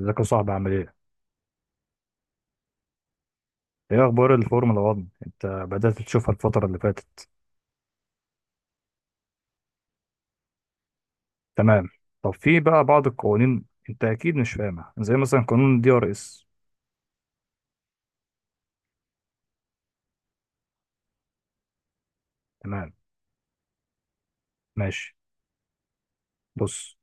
ازيك يا صاحبي عامل ايه؟ ايه اخبار الفورمولا 1؟ انت بدأت تشوفها الفترة اللي فاتت. تمام. طب في بقى بعض القوانين، انت اكيد مش فاهمها، زي مثلا قانون الدي ار اس. تمام. ماشي. بص.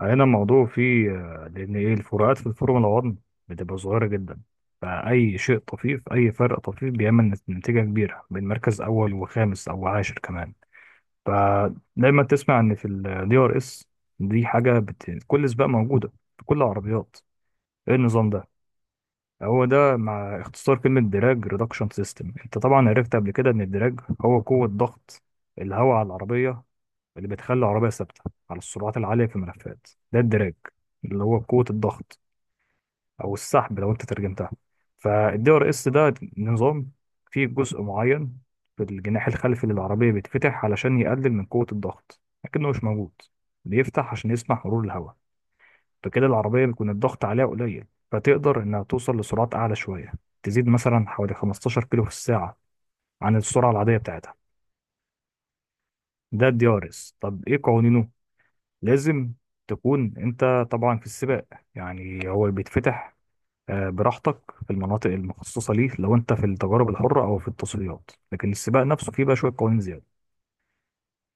هنا الموضوع فيه، لان ايه الفروقات في الفورمولا 1 بتبقى صغيرة جدا. فأي شيء طفيف، أي فرق طفيف بيعمل نتيجة كبيرة بين مركز أول وخامس أو عاشر كمان. فدايما تسمع إن في الدي ار اس، دي حاجة كل سباق موجودة، في كل العربيات. ايه النظام ده؟ هو ده، مع اختصار كلمة دراج ريدكشن سيستم. انت طبعا عرفت قبل كده ان الدراج هو قوة ضغط الهواء على العربية، اللي بتخلي العربية ثابتة على السرعات العالية في الملفات. ده الدراج، اللي هو قوة الضغط، او السحب لو انت ترجمتها. فالدي ار اس ده نظام، فيه جزء معين في الجناح الخلفي للعربية بيتفتح علشان يقلل من قوة الضغط، لكنه مش موجود، بيفتح عشان يسمح مرور الهواء. فكده العربية بيكون الضغط عليها قليل، فتقدر إنها توصل لسرعات أعلى شوية، تزيد مثلا حوالي 15 كيلو في الساعة عن السرعة العادية بتاعتها. ده الدي ار اس. طب إيه قوانينه؟ لازم تكون أنت طبعا في السباق. يعني هو بيتفتح براحتك في المناطق المخصصة ليه لو أنت في التجارب الحرة أو في التصفيات، لكن السباق نفسه فيه بقى شوية قوانين زيادة.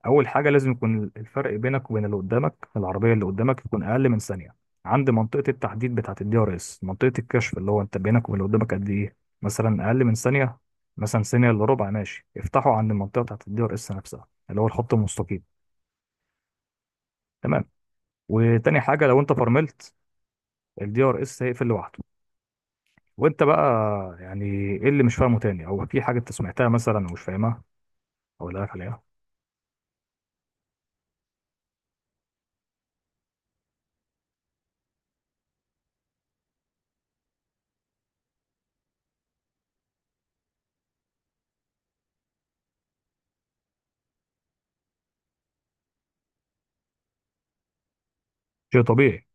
اول حاجه، لازم يكون الفرق بينك وبين اللي قدامك، العربيه اللي قدامك يكون اقل من ثانيه عند منطقه التحديد بتاعه الدي ار اس، منطقه الكشف، اللي هو انت بينك وبين اللي قدامك قد ايه، مثلا اقل من ثانيه، مثلا ثانيه الا ربع، ماشي افتحوا عند المنطقه بتاعه الدي ار اس نفسها، اللي هو الخط المستقيم. تمام. وتاني حاجه، لو انت فرملت الدي ار اس هيقفل لوحده. وانت بقى، يعني ايه اللي مش فاهمه تاني، او في حاجه انت سمعتها مثلا ومش فاهمها اقول لك عليها. شيء طبيعي.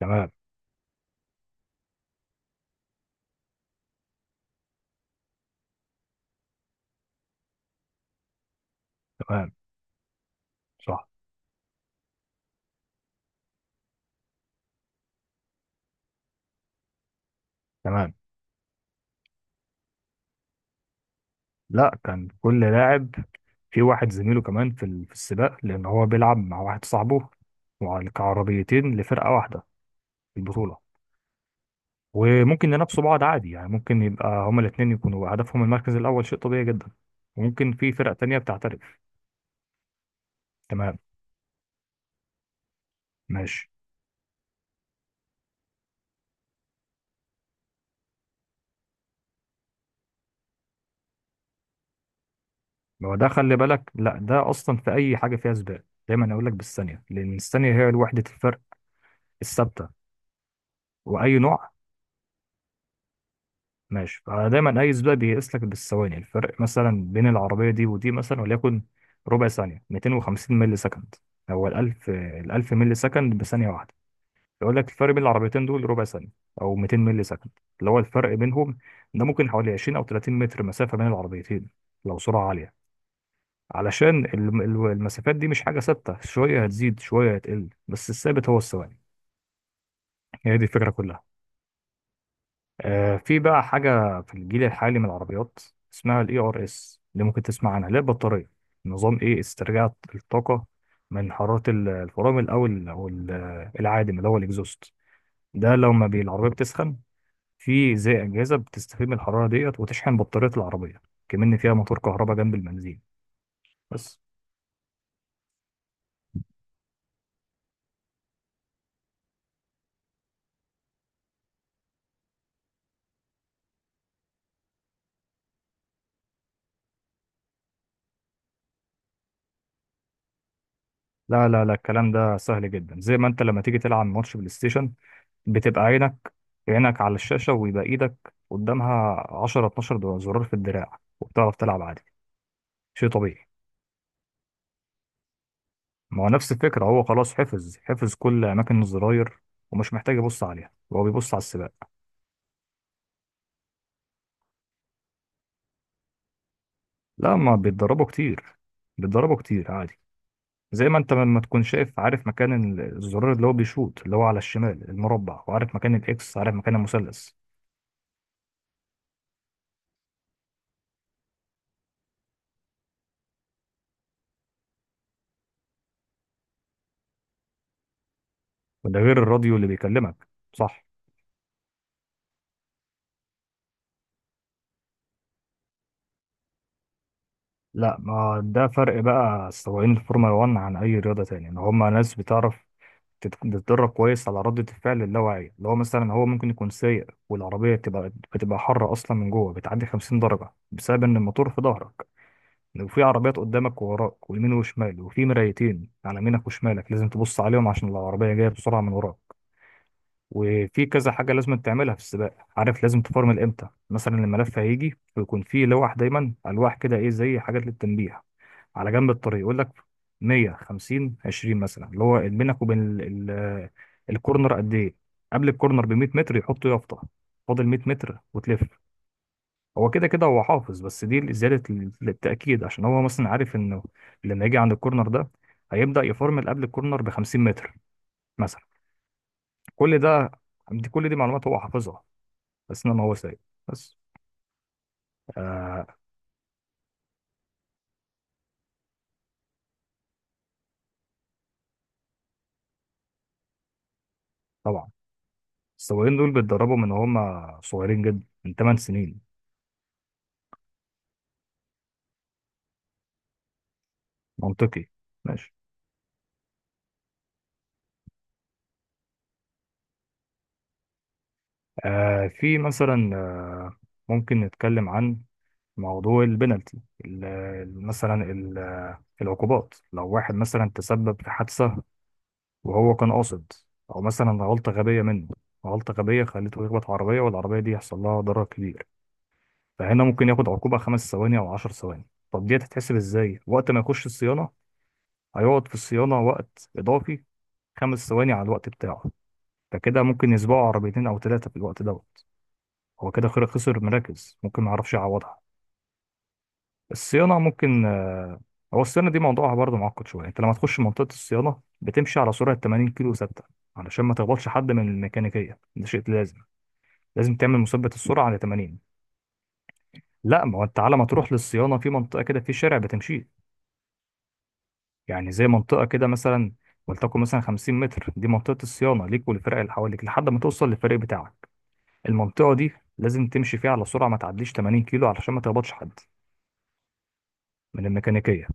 تمام. تمام. صح. تمام. لا، كان كل لاعب في واحد زميله كمان في السباق، لان هو بيلعب مع واحد صاحبه، كعربيتين لفرقه واحده في البطوله. وممكن ينافسوا بعض عادي، يعني ممكن يبقى هما الاثنين يكونوا هدفهم المركز الاول، شيء طبيعي جدا. وممكن في فرق تانية بتعترف. تمام. ماشي. هو ده، خلي بالك، لا ده اصلا في اي حاجه فيها سباق دايما اقول لك بالثانيه، لان الثانيه هي وحده الفرق الثابته، واي نوع. ماشي. فدايما اي سباق بيقيس لك بالثواني، الفرق مثلا بين العربيه دي ودي، مثلا وليكن ربع ثانيه، 250 مللي سكند، هو ال 1000 مللي سكند بثانيه واحده. يقول لك الفرق بين العربيتين دول ربع ثانيه، او 200 مللي سكند، اللي هو الفرق بينهم. ده ممكن حوالي 20 او 30 متر مسافه بين العربيتين، لو سرعه عاليه. علشان المسافات دي مش حاجه ثابته، شويه هتزيد شويه هتقل، بس الثابت هو الثواني. هي دي الفكره كلها. في بقى حاجة في الجيل الحالي من العربيات، اسمها الاي ار اس، اللي ممكن تسمع عنها، اللي هي البطارية. نظام ايه، استرجاع الطاقة من حرارة الفرامل او العادم اللي هو الاكزوست. ده لما العربية بتسخن، في زي أجهزة بتستفيد من الحرارة ديت وتشحن بطارية العربية، كمان فيها موتور كهرباء جنب البنزين بس. لا، لا، لا، الكلام ده سهل جدا، زي ما انت لما تيجي تلعب ماتش بلاي ستيشن، بتبقى عينك على الشاشة، ويبقى إيدك قدامها 10، 12 زرار في الدراع، وبتعرف تلعب عادي. شيء طبيعي. ما هو نفس الفكرة، هو خلاص حفظ كل أماكن الزراير، ومش محتاج يبص عليها، هو بيبص على السباق. لا، ما بيتدربوا كتير، بيتدربوا كتير عادي، زي ما انت لما تكون شايف عارف مكان الزرار اللي هو بيشوط، اللي هو على الشمال المربع، وعارف مكان الاكس، عارف مكان المثلث. وده غير الراديو اللي بيكلمك. صح. لا، ما ده فرق بقى السواقين الفورمولا 1 عن اي رياضه تانية، ان هما ناس بتعرف بتتدرب كويس على ردة الفعل اللاواعية، اللي هو مثلا هو ممكن يكون سايق، والعربية بتبقى حارة أصلا من جوه، بتعدي 50 درجة، بسبب إن الموتور في ظهرك، وفي عربيات قدامك ووراك ويمين وشمال، وفي مرايتين على يمينك وشمالك لازم تبص عليهم عشان لو العربية جاية بسرعة من وراك. وفي كذا حاجة لازم تعملها في السباق، عارف لازم تفرمل امتى، مثلا الملف هيجي ويكون فيه لوح، دايما ألواح كده ايه، زي حاجات للتنبيه على جنب الطريق، يقول لك 100، 50، 20 مثلا، اللي هو بينك وبين الكورنر قد ايه. قبل الكورنر ب 100 متر يحط يافطه، فاضل 100 متر وتلف. هو كده كده هو حافظ، بس دي زياده للتاكيد، عشان هو مثلا عارف انه لما يجي عند الكورنر ده هيبدا يفرمل قبل الكورنر ب 50 متر مثلا. كل ده، دي كل دي معلومات هو حافظها، بس انما هو سايق بس. آه طبعا السواقين دول بيتدربوا من هم صغيرين جدا، من 8 سنين. منطقي. ماشي. في مثلا، ممكن نتكلم عن موضوع البنالتي، مثلا العقوبات. لو واحد مثلا تسبب في حادثة وهو كان قاصد، أو مثلا غلطة غبية منه، غلطة غبية خليته يخبط عربية والعربية دي يحصل لها ضرر كبير، فهنا ممكن ياخد عقوبة 5 ثواني أو 10 ثواني. طب دي هتتحسب إزاي؟ وقت ما يخش الصيانة هيقعد في الصيانة وقت إضافي، 5 ثواني على الوقت بتاعه. فكده ممكن يسبقوا عربيتين أو ثلاثة في الوقت ده. هو كده خير خسر مراكز ممكن ما يعرفش يعوضها. الصيانه ممكن، هو الصيانه دي موضوعها برضه معقد شويه. انت لما تخش منطقه الصيانه بتمشي على سرعه 80 كيلو ثابته، علشان ما تخبطش حد من الميكانيكيه، ده شيء لازم. لازم تعمل مثبت السرعه على 80. لا، ما هو انت على ما تروح للصيانه في منطقه كده، في شارع بتمشيه، يعني زي منطقه كده مثلا، ولتكن مثلا 50 متر، دي منطقه الصيانه ليك والفرق اللي حواليك لحد ما توصل للفريق بتاعك. المنطقه دي لازم تمشي فيها على سرعه ما تعديش 80 كيلو، علشان ما تخبطش حد من الميكانيكية.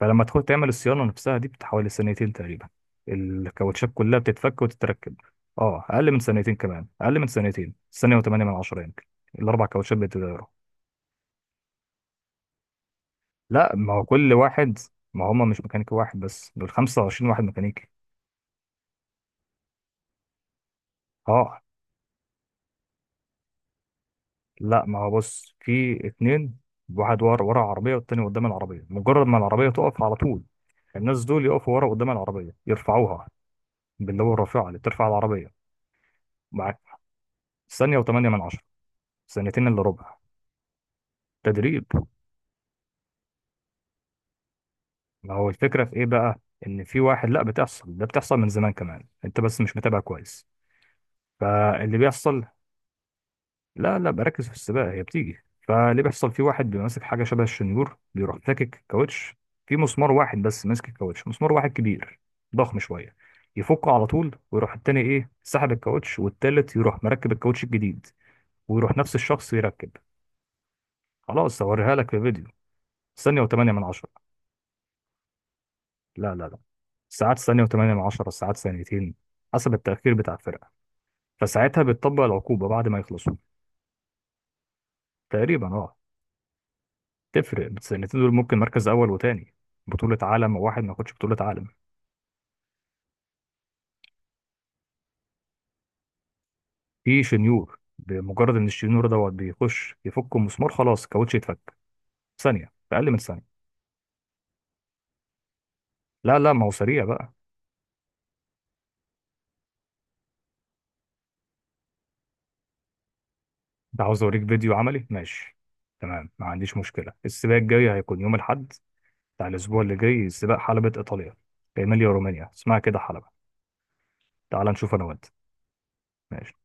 فلما تدخل تعمل الصيانة نفسها دي بتحوالي سنتين تقريبا، الكاوتشات كلها بتتفك وتتركب. اه أقل من سنتين كمان، أقل من سنتين، سنة وثمانية من عشرة يمكن. الأربع كاوتشات بيتغيروا. لا، ما هو كل واحد، ما هما مش ميكانيكي واحد بس، دول 25 واحد ميكانيكي. اه. لا، ما هو بص، في اتنين، واحد ورا العربية والتاني قدام العربية، مجرد ما العربية تقف على طول، الناس دول يقفوا ورا قدام العربية يرفعوها، باللي هو الرافعة اللي بترفع العربية، معاك. ثانية وثمانية من عشرة، سنتين الا ربع. تدريب. ما هو الفكره في ايه بقى، ان في واحد، لا بتحصل، ده بتحصل من زمان كمان، انت بس مش متابع كويس. فاللي بيحصل، لا، لا، بركز في السباق هي بتيجي. فاللي بيحصل، في واحد بيبقى ماسك حاجه شبه الشنيور، بيروح فاكك كاوتش، في مسمار واحد بس ماسك الكاوتش، مسمار واحد كبير، ضخم شويه، يفكه على طول، ويروح التاني ايه سحب الكاوتش، والتالت يروح مركب الكاوتش الجديد. ويروح نفس الشخص يركب. خلاص هوريها لك في فيديو. ثانيه وثمانيه من عشره. لا، لا، لا، ساعات ثانية وثمانية من عشرة، ساعات ثانيتين، حسب التأخير بتاع الفرقة، فساعتها بتطبق العقوبة بعد ما يخلصوا. تقريبا اه. تفرق السنتين دول ممكن مركز أول وتاني، بطولة عالم وواحد ما ياخدش بطولة عالم. في شنيور، بمجرد إن الشنيور دوت بيخش يفك المسمار خلاص الكاوتش يتفك ثانية، في أقل من ثانية. لا، لا، ما هو سريع بقى. ده عاوز أوريك فيديو عملي؟ ماشي، تمام، ما عنديش مشكلة. السباق الجاي هيكون يوم الأحد بتاع الأسبوع اللي جاي، سباق حلبة إيطاليا، في إيميليا رومانيا اسمها كده حلبة. تعال نشوف انا وانت. ماشي.